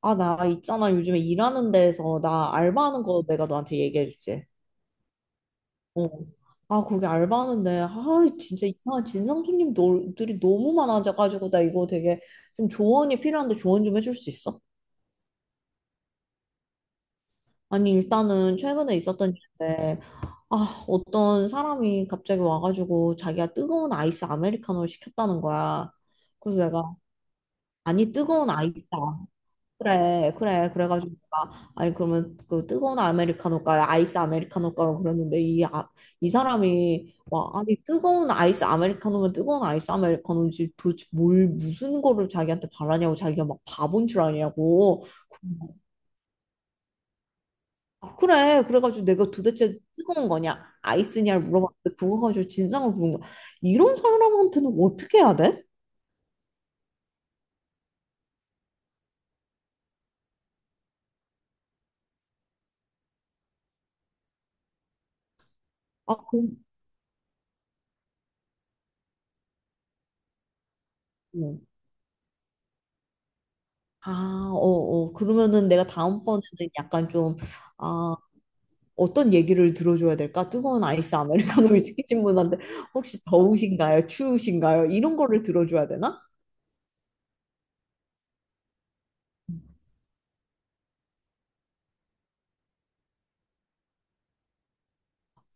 아, 나 있잖아. 요즘에 일하는 데에서 나 알바하는 거 내가 너한테 얘기해 주지. 어. 아, 거기 알바하는데, 진짜 이상한 진상 손님들이 너무 많아져가지고, 나 이거 되게 좀 조언이 필요한데 조언 좀 해줄 수 있어? 아니, 일단은 최근에 있었던 일인데, 어떤 사람이 갑자기 와가지고 자기가 뜨거운 아이스 아메리카노를 시켰다는 거야. 그래서 내가, 아니, 뜨거운 아이스. 그래. 그래가지고 내가 아니 그러면 그 뜨거운 아메리카노가 아이스 아메리카노가 그랬는데 이 사람이 와 아니 뜨거운 아이스 아메리카노면 뜨거운 아이스 아메리카노지 도대체 뭘 무슨 거를 자기한테 바라냐고 자기가 막 바본 줄 아냐고. 그래 그래가지고 내가 도대체 뜨거운 거냐 아이스냐를 물어봤는데 그거 가지고 진상을 부른 거야. 이런 사람한테는 어떻게 해야 돼? 아 그럼. 어. 그러면은 내가 다음번에는 약간 좀, 아, 어떤 얘기를 들어줘야 될까? 뜨거운 아이스 아메리카노를 시키신 분한테 혹시 더우신가요? 추우신가요? 이런 거를 들어줘야 되나?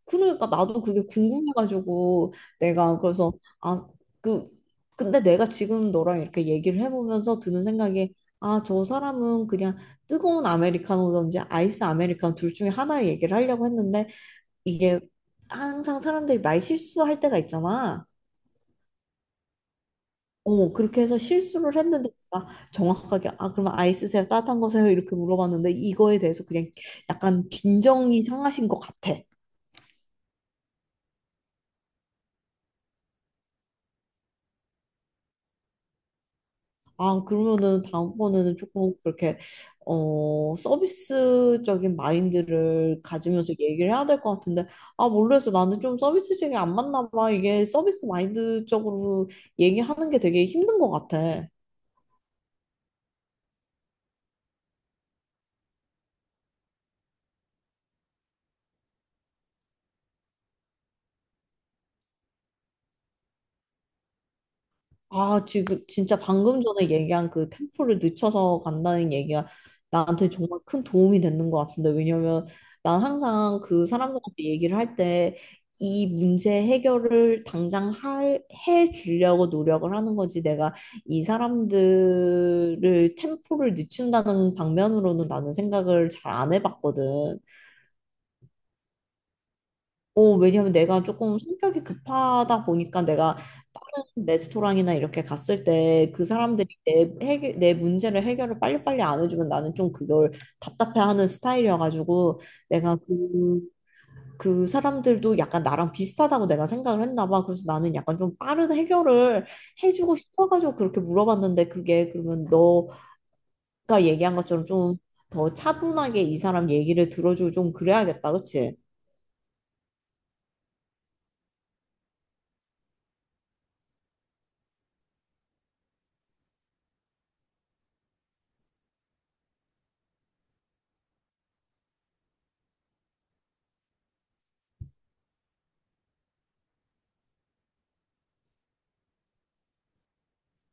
그러니까 나도 그게 궁금해가지고 내가 그래서 아, 그 근데 내가 지금 너랑 이렇게 얘기를 해보면서 드는 생각이, 아, 저 사람은 그냥 뜨거운 아메리카노든지 아이스 아메리카노 둘 중에 하나를 얘기를 하려고 했는데 이게 항상 사람들이 말 실수할 때가 있잖아. 어, 그렇게 해서 실수를 했는데 제가 정확하게 아 그러면 아이스세요 따뜻한 거세요 이렇게 물어봤는데 이거에 대해서 그냥 약간 빈정이 상하신 것 같아. 아 그러면은 다음번에는 조금 그렇게 서비스적인 마인드를 가지면서 얘기를 해야 될 것 같은데. 아 모르겠어, 나는 좀 서비스적이 안 맞나 봐. 이게 서비스 마인드적으로 얘기하는 게 되게 힘든 것 같아. 아, 지금 진짜 방금 전에 얘기한 그 템포를 늦춰서 간다는 얘기가 나한테 정말 큰 도움이 되는 것 같은데, 왜냐면 난 항상 그 사람들한테 얘기를 할 때 이 문제 해결을 해 주려고 노력을 하는 거지. 내가 이 사람들을 템포를 늦춘다는 방면으로는 나는 생각을 잘 안 해봤거든. 어, 왜냐면 내가 조금 성격이 급하다 보니까 내가 다른 레스토랑이나 이렇게 갔을 때 그 사람들이 내 문제를 해결을 빨리빨리 안 해주면 나는 좀 그걸 답답해하는 스타일이어가지고 내가 그, 그 사람들도 약간 나랑 비슷하다고 내가 생각을 했나 봐. 그래서 나는 약간 좀 빠른 해결을 해주고 싶어가지고 그렇게 물어봤는데, 그게 그러면 너가 얘기한 것처럼 좀 더 차분하게 이 사람 얘기를 들어주고 좀 그래야겠다. 그치?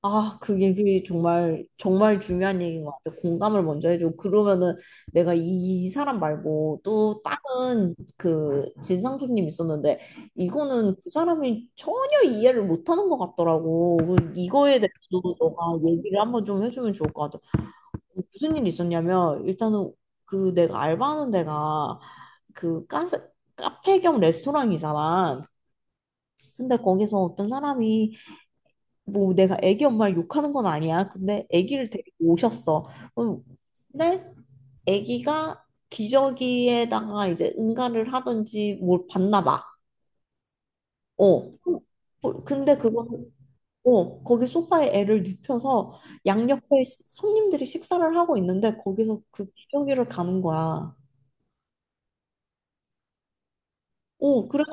아, 그 얘기 정말, 정말 중요한 얘기인 것 같아. 공감을 먼저 해주고, 그러면은 내가 이, 이 사람 말고 또 다른 그 진상 손님 있었는데, 이거는 그 사람이 전혀 이해를 못 하는 것 같더라고. 그 이거에 대해서도 너가 얘기를 한번 좀 해주면 좋을 것 같아. 무슨 일이 있었냐면, 일단은 그 내가 알바하는 데가 그 카페, 카페 겸 레스토랑이잖아. 근데 거기서 어떤 사람이 뭐 내가 애기 엄마를 욕하는 건 아니야. 근데 애기를 데리고 오셨어. 음, 근데 애기가 기저귀에다가 이제 응가를 하든지 뭘 봤나 봐. 어. 뭐, 근데 그거는 어, 거기 소파에 애를 눕혀서 양옆에 손님들이 식사를 하고 있는데 거기서 그 기저귀를 가는 거야. 어, 그래.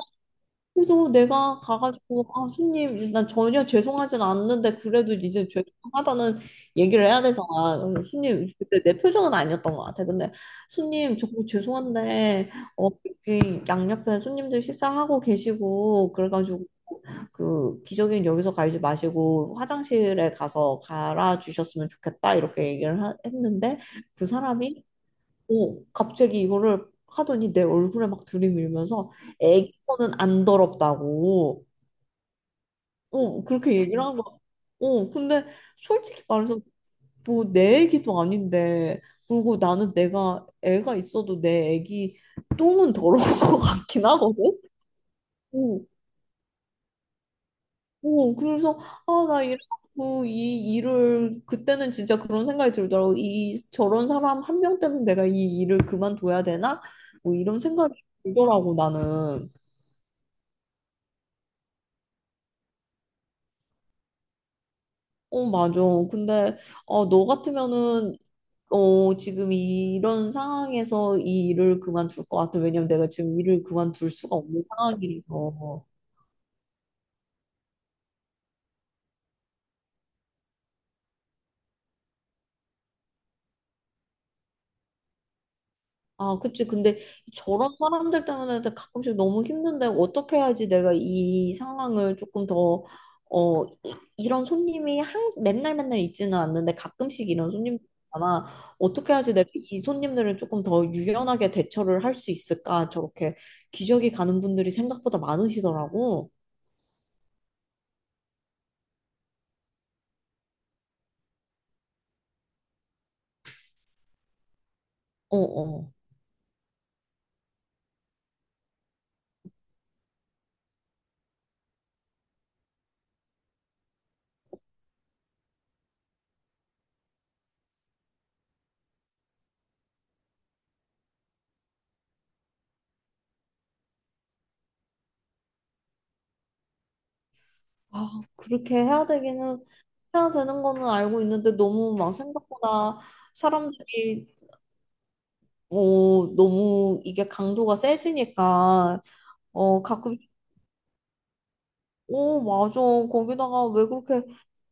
그래서 내가 가가지고 아 손님 난 전혀 죄송하진 않는데 그래도 이제 죄송하다는 얘기를 해야 되잖아. 그래서 손님, 그때 내 표정은 아니었던 것 같아. 근데 손님 정말 죄송한데 어 여기 양옆에 손님들 식사하고 계시고 그래가지고 그 기저귀는 여기서 갈지 마시고 화장실에 가서 갈아 주셨으면 좋겠다 이렇게 했는데 그 사람이 오, 갑자기 이거를 하더니 내 얼굴에 막 들이밀면서 애기 거는 안 더럽다고. 오, 그렇게 얘기를 한 거야. 오, 근데 솔직히 말해서 뭐 내 애기도 아닌데, 그리고 나는 내가 애가 있어도 내 애기 똥은 더러울 것 같긴 하거든. 어, 오, 그래서 아, 나 이래갖고 이 일을, 그때는 진짜 그런 생각이 들더라고. 이 저런 사람 한 명 때문에 내가 이 일을 그만둬야 되나? 뭐 이런 생각이 들더라고 나는. 어, 맞아. 근데 어, 너 같으면은 어, 지금 이런 상황에서 이 일을 그만둘 것 같아? 왜냐면 내가 지금 일을 그만둘 수가 없는 상황이라서. 아, 그치. 근데 저런 사람들 때문에 가끔씩 너무 힘든데 어떻게 해야지 내가 이 상황을 조금 더, 어, 이런 손님이 맨날 맨날 있지는 않는데 가끔씩 이런 손님이잖아. 어떻게 해야지 내가 이 손님들을 조금 더 유연하게 대처를 할 수 있을까? 저렇게 기저귀 가는 분들이 생각보다 많으시더라고. 어, 어. 아, 그렇게 해야 되기는 해야 되는 거는 알고 있는데 너무 막 생각보다 사람들이 어, 너무 이게 강도가 세지니까, 어, 가끔오 어, 맞아. 거기다가 왜 그렇게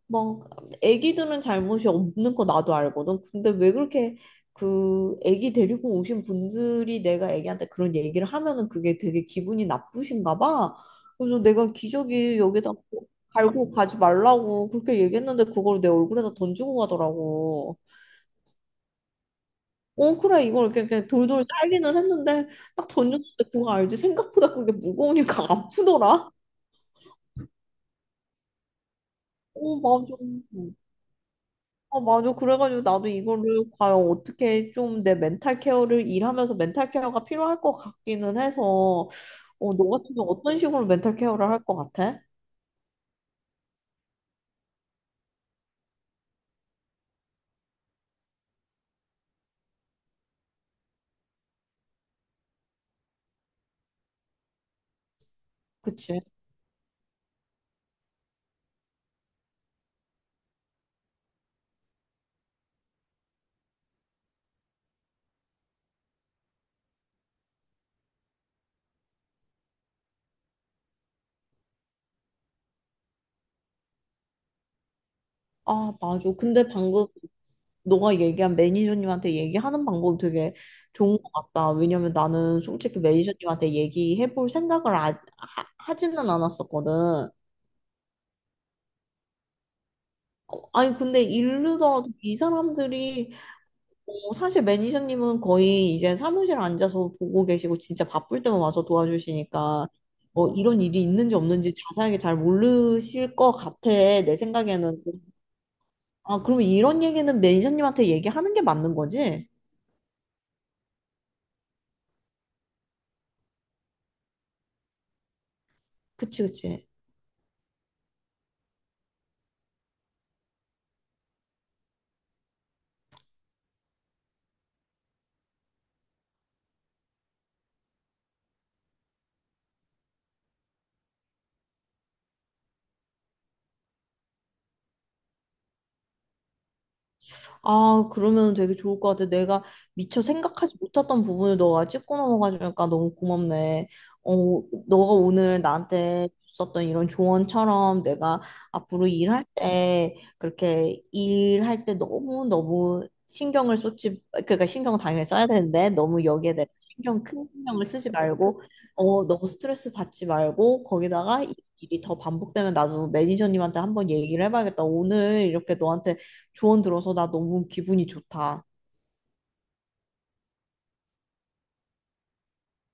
막, 애기들은 잘못이 없는 거 나도 알거든. 근데 왜 그렇게 그 애기 데리고 오신 분들이 내가 애기한테 그런 얘기를 하면은 그게 되게 기분이 나쁘신가 봐. 그래서 내가 기저귀 여기다 뭐 갈고 가지 말라고 그렇게 얘기했는데 그걸 내 얼굴에다 던지고 가더라고. 어 그래 이걸 이렇게 돌돌 쌀기는 했는데 딱 던졌는데 그거 알지? 생각보다 그게 무거우니까 아프더라. 어 맞아. 아 맞아. 그래가지고 나도 이거를 과연 어떻게 좀 내 멘탈 케어를, 일하면서 멘탈 케어가 필요할 것 같기는 해서, 어, 너 같은 경우 어떤 식으로 멘탈 케어를 할 것 같아? 그치? 아 맞아. 근데 방금 너가 얘기한 매니저님한테 얘기하는 방법이 되게 좋은 것 같다. 왜냐면 나는 솔직히 매니저님한테 얘기해 볼 생각을 하지는 않았었거든. 아니, 근데 이르더라도 이 사람들이, 어, 사실 매니저님은 거의 이제 사무실 앉아서 보고 계시고 진짜 바쁠 때만 와서 도와주시니까, 어, 이런 일이 있는지 없는지 자세하게 잘 모르실 것 같아. 내 생각에는. 아, 그럼 이런 얘기는 매니저님한테 얘기하는 게 맞는 거지? 그치. 아, 그러면 되게 좋을 것 같아. 내가 미처 생각하지 못했던 부분을 너가 짚고 넘어가주니까 너무 고맙네. 어, 너가 오늘 나한테 줬었던 이런 조언처럼 내가 앞으로 일할 때, 그렇게 일할 때 너무너무 신경을 쏟지, 그러니까 신경 당연히 써야 되는데 너무 여기에 대해서 신경, 큰 신경을 쓰지 말고, 어, 너무 스트레스 받지 말고, 거기다가 이 일이 더 반복되면 나도 매니저님한테 한번 얘기를 해봐야겠다. 오늘 이렇게 너한테 조언 들어서 나 너무 기분이 좋다.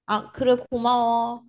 아, 그래, 고마워.